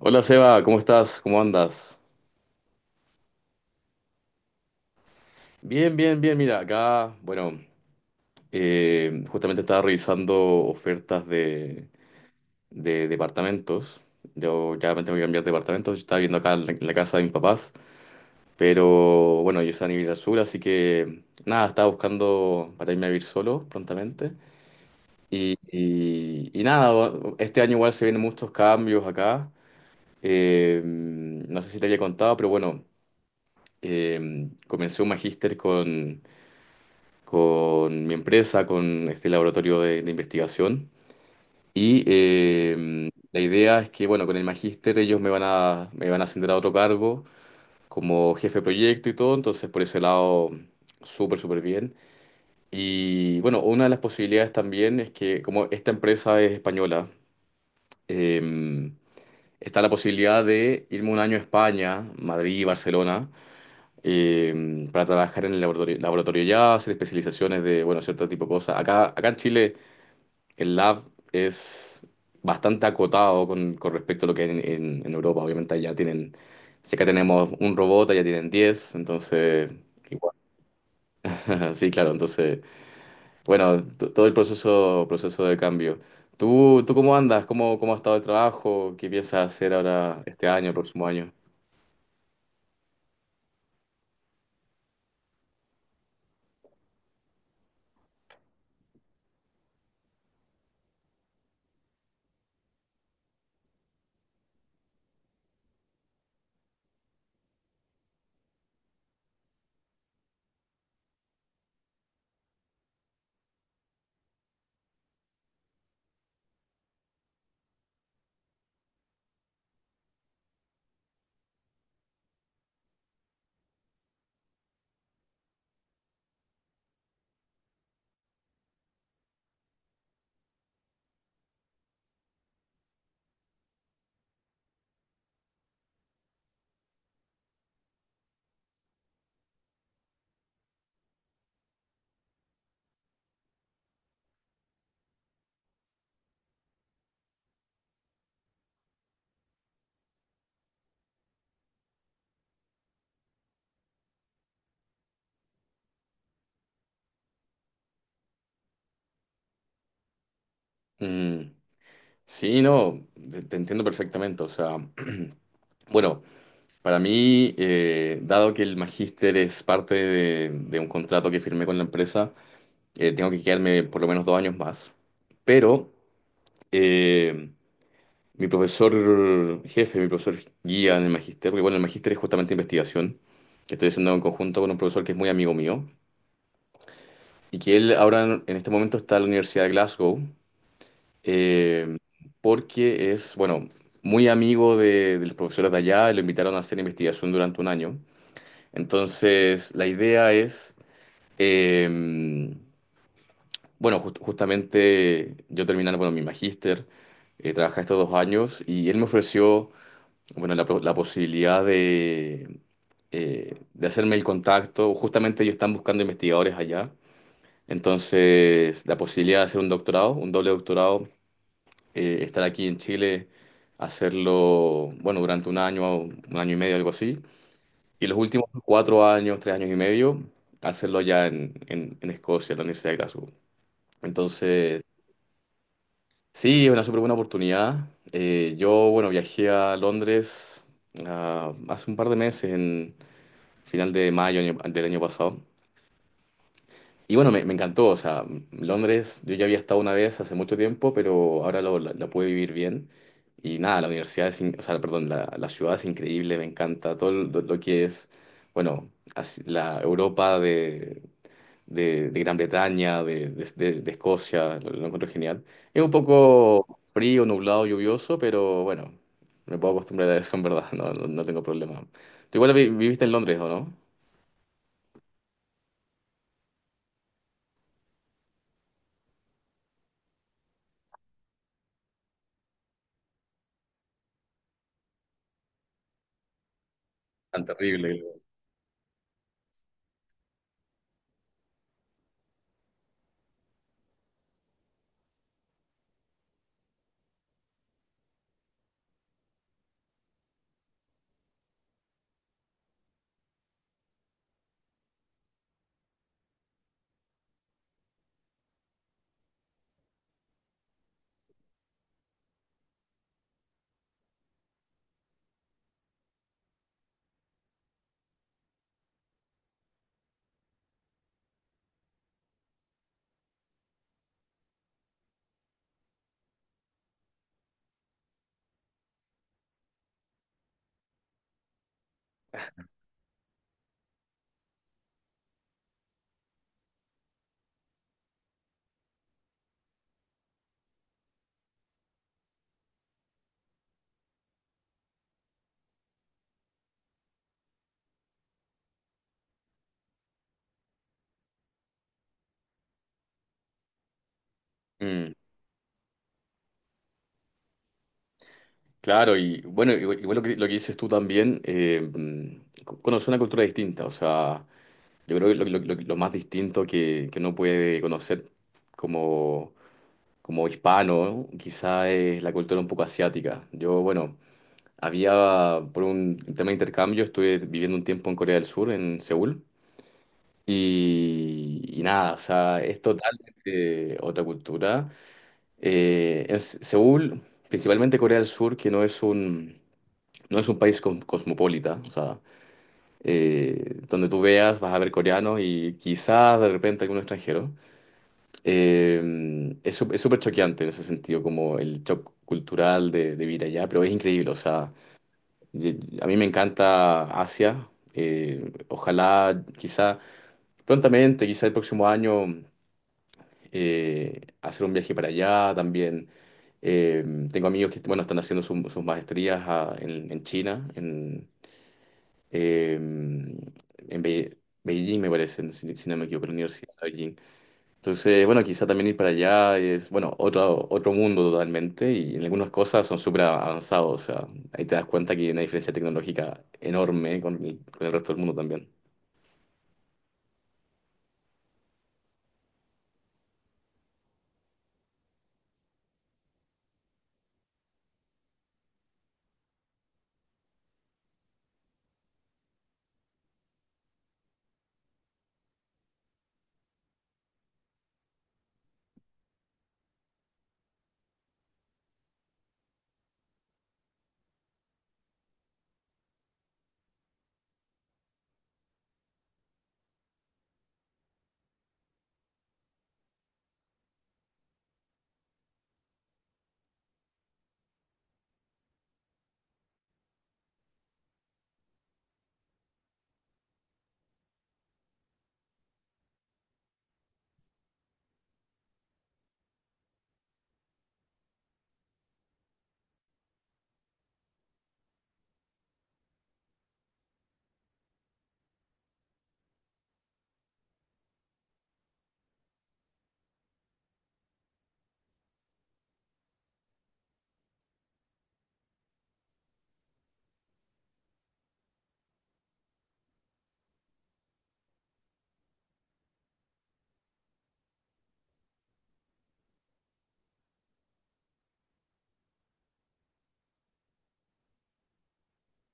Hola Seba, ¿cómo estás? ¿Cómo andas? Bien, bien, bien. Mira, acá, bueno, justamente estaba revisando ofertas de departamentos. Yo ya me tengo que cambiar de departamento. Yo estaba viendo acá en en la casa de mis papás. Pero bueno, yo soy a vivir al sur, así que nada, estaba buscando para irme a vivir solo prontamente. Y nada, este año igual se vienen muchos cambios acá. No sé si te había contado, pero bueno, comencé un magíster con mi empresa, con este laboratorio de investigación. Y la idea es que, bueno, con el magíster ellos me van a ascender a otro cargo como jefe de proyecto y todo, entonces por ese lado, súper, súper bien. Y bueno, una de las posibilidades también es que, como esta empresa es española, eh, está la posibilidad de irme un año a España, Madrid, Barcelona, para trabajar en el laboratorio ya, hacer especializaciones de, bueno, cierto tipo de cosas. Acá en Chile el lab es bastante acotado con respecto a lo que hay en Europa. Obviamente allá tienen, si acá tenemos un robot, allá tienen 10 entonces, igual. Sí, claro, entonces, bueno, todo el proceso de cambio. Tú cómo andas? Cómo ha estado el trabajo? ¿Qué piensas hacer ahora este año, el próximo año? Mm, sí, no, te entiendo perfectamente. O sea, bueno, para mí, dado que el magíster es parte de un contrato que firmé con la empresa, tengo que quedarme por lo menos dos años más. Pero eh, mi profesor jefe, mi profesor guía en el magíster, porque bueno, el magíster es justamente investigación, que estoy haciendo en conjunto con un profesor que es muy amigo mío, y que él ahora en este momento está en la Universidad de Glasgow, eh, porque es, bueno, muy amigo de los profesores de allá, y lo invitaron a hacer investigación durante un año. Entonces, la idea es... em, bueno, justamente yo terminando, bueno, mi magíster, trabajé estos dos años y él me ofreció, bueno, la posibilidad de hacerme el contacto. Justamente ellos están buscando investigadores allá. Entonces, la posibilidad de hacer un doctorado, un doble doctorado, estar aquí en Chile, hacerlo, bueno, durante un año y medio, algo así. Y los últimos cuatro años, tres años y medio, hacerlo ya en Escocia, en la Universidad de Glasgow. Entonces, sí, es una súper buena oportunidad. Yo, bueno, viajé a Londres hace un par de meses, en final de mayo del año pasado. Y bueno, me encantó. O sea, Londres, yo ya había estado una vez hace mucho tiempo, pero ahora la pude vivir bien. Y nada, la universidad o sea, perdón, la ciudad es increíble, me encanta todo lo que es, bueno, la Europa de Gran Bretaña, de Escocia, lo encuentro genial. Es un poco frío, nublado, lluvioso, pero bueno, me puedo acostumbrar a eso en verdad. No, no, no tengo problema. Tú igual viviste en Londres, ¿o no? Tan terrible. Mm, claro, y bueno, igual, igual lo que dices tú también, conocer una cultura distinta, o sea, yo creo que lo más distinto que uno puede conocer como, como hispano, quizá es la cultura un poco asiática. Yo, bueno, había, por un tema de intercambio, estuve viviendo un tiempo en Corea del Sur, en Seúl, y nada, o sea, es totalmente otra cultura. Seúl, principalmente Corea del Sur, que no es un, no es un país cosmopolita, o sea, donde tú veas vas a ver coreanos y quizás de repente algún extranjero. Es súper choqueante en ese sentido, como el shock cultural de vivir allá, pero es increíble, o sea... a mí me encanta Asia. Ojalá, quizá prontamente, quizá el próximo año, hacer un viaje para allá también. Eh, tengo amigos que, bueno, están haciendo sus maestrías en China, eh, en Be- Beijing, me parece, si no me equivoco, en la Universidad de Beijing. Entonces, bueno, quizá también ir para allá es, bueno, otro, otro mundo totalmente y en algunas cosas son súper avanzados. O sea, ahí te das cuenta que hay una diferencia tecnológica enorme con el resto del mundo también.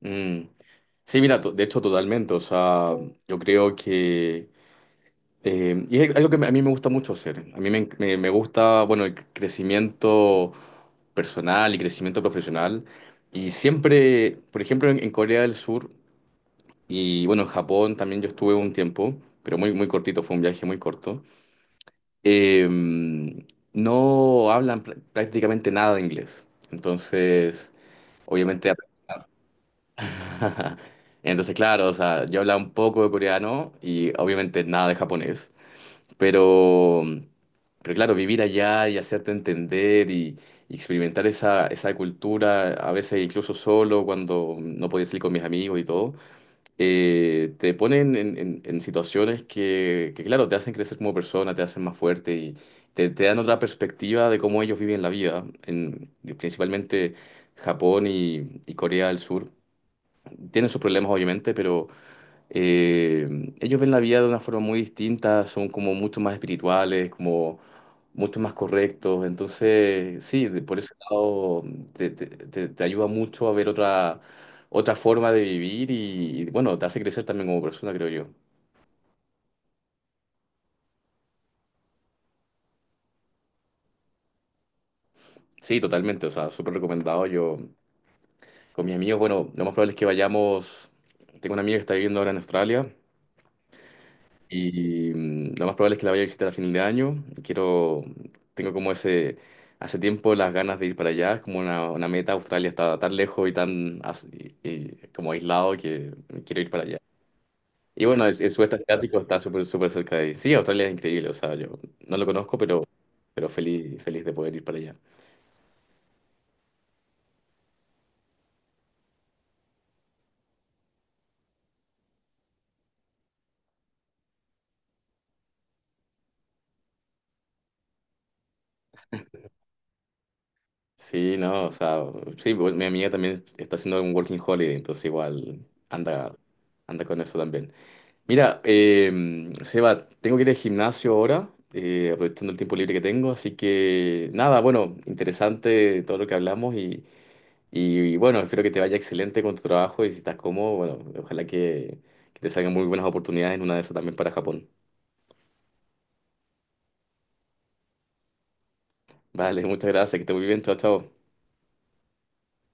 Mm. Sí, mira, de hecho, totalmente. O sea, yo creo que... y es algo que a mí me gusta mucho hacer. A mí me gusta, bueno, el crecimiento personal y crecimiento profesional. Y siempre, por ejemplo, en Corea del Sur... Y bueno, en Japón también yo estuve un tiempo, pero muy, muy cortito, fue un viaje muy corto. Eh, no hablan prácticamente nada de inglés. Entonces, obviamente... Entonces, claro, o sea, yo hablaba un poco de coreano y obviamente nada de japonés. Pero, pero claro, vivir allá y hacerte entender y experimentar esa cultura, a veces incluso solo, cuando no podía salir con mis amigos y todo, te ponen en situaciones que, claro, te hacen crecer como persona, te hacen más fuerte te dan otra perspectiva de cómo ellos viven la vida. En, principalmente Japón y Corea del Sur tienen sus problemas, obviamente, pero ellos ven la vida de una forma muy distinta, son como mucho más espirituales, mucho más correctos. Entonces, sí, por ese lado te ayuda mucho a ver otra, otra forma de vivir bueno, te hace crecer también como persona, creo yo. Sí, totalmente, o sea, súper recomendado. Yo con mis amigos, bueno, lo más probable es que vayamos, tengo una amiga que está viviendo ahora en Australia. Y mm, lo más probable es que la vaya a visitar a fin de año. Quiero, tengo como ese, hace tiempo las ganas de ir para allá, es como una meta. Australia está tan lejos y tan y como aislado que quiero ir para allá. Y bueno, el sudeste asiático está súper, súper cerca de ahí. Sí, Australia es increíble, o sea, yo no lo conozco, pero feliz, feliz de poder ir para allá. Sí, no, o sea, sí, bueno, mi amiga también está haciendo un working holiday, entonces igual anda, anda con eso también. Mira, Seba, tengo que ir al gimnasio ahora, aprovechando el tiempo libre que tengo, así que nada, bueno, interesante todo lo que hablamos bueno, espero que te vaya excelente con tu trabajo y si estás cómodo, bueno, ojalá que te salgan muy buenas oportunidades en una de esas también para Japón. Vale, muchas gracias, que estés muy bien, chao, chao.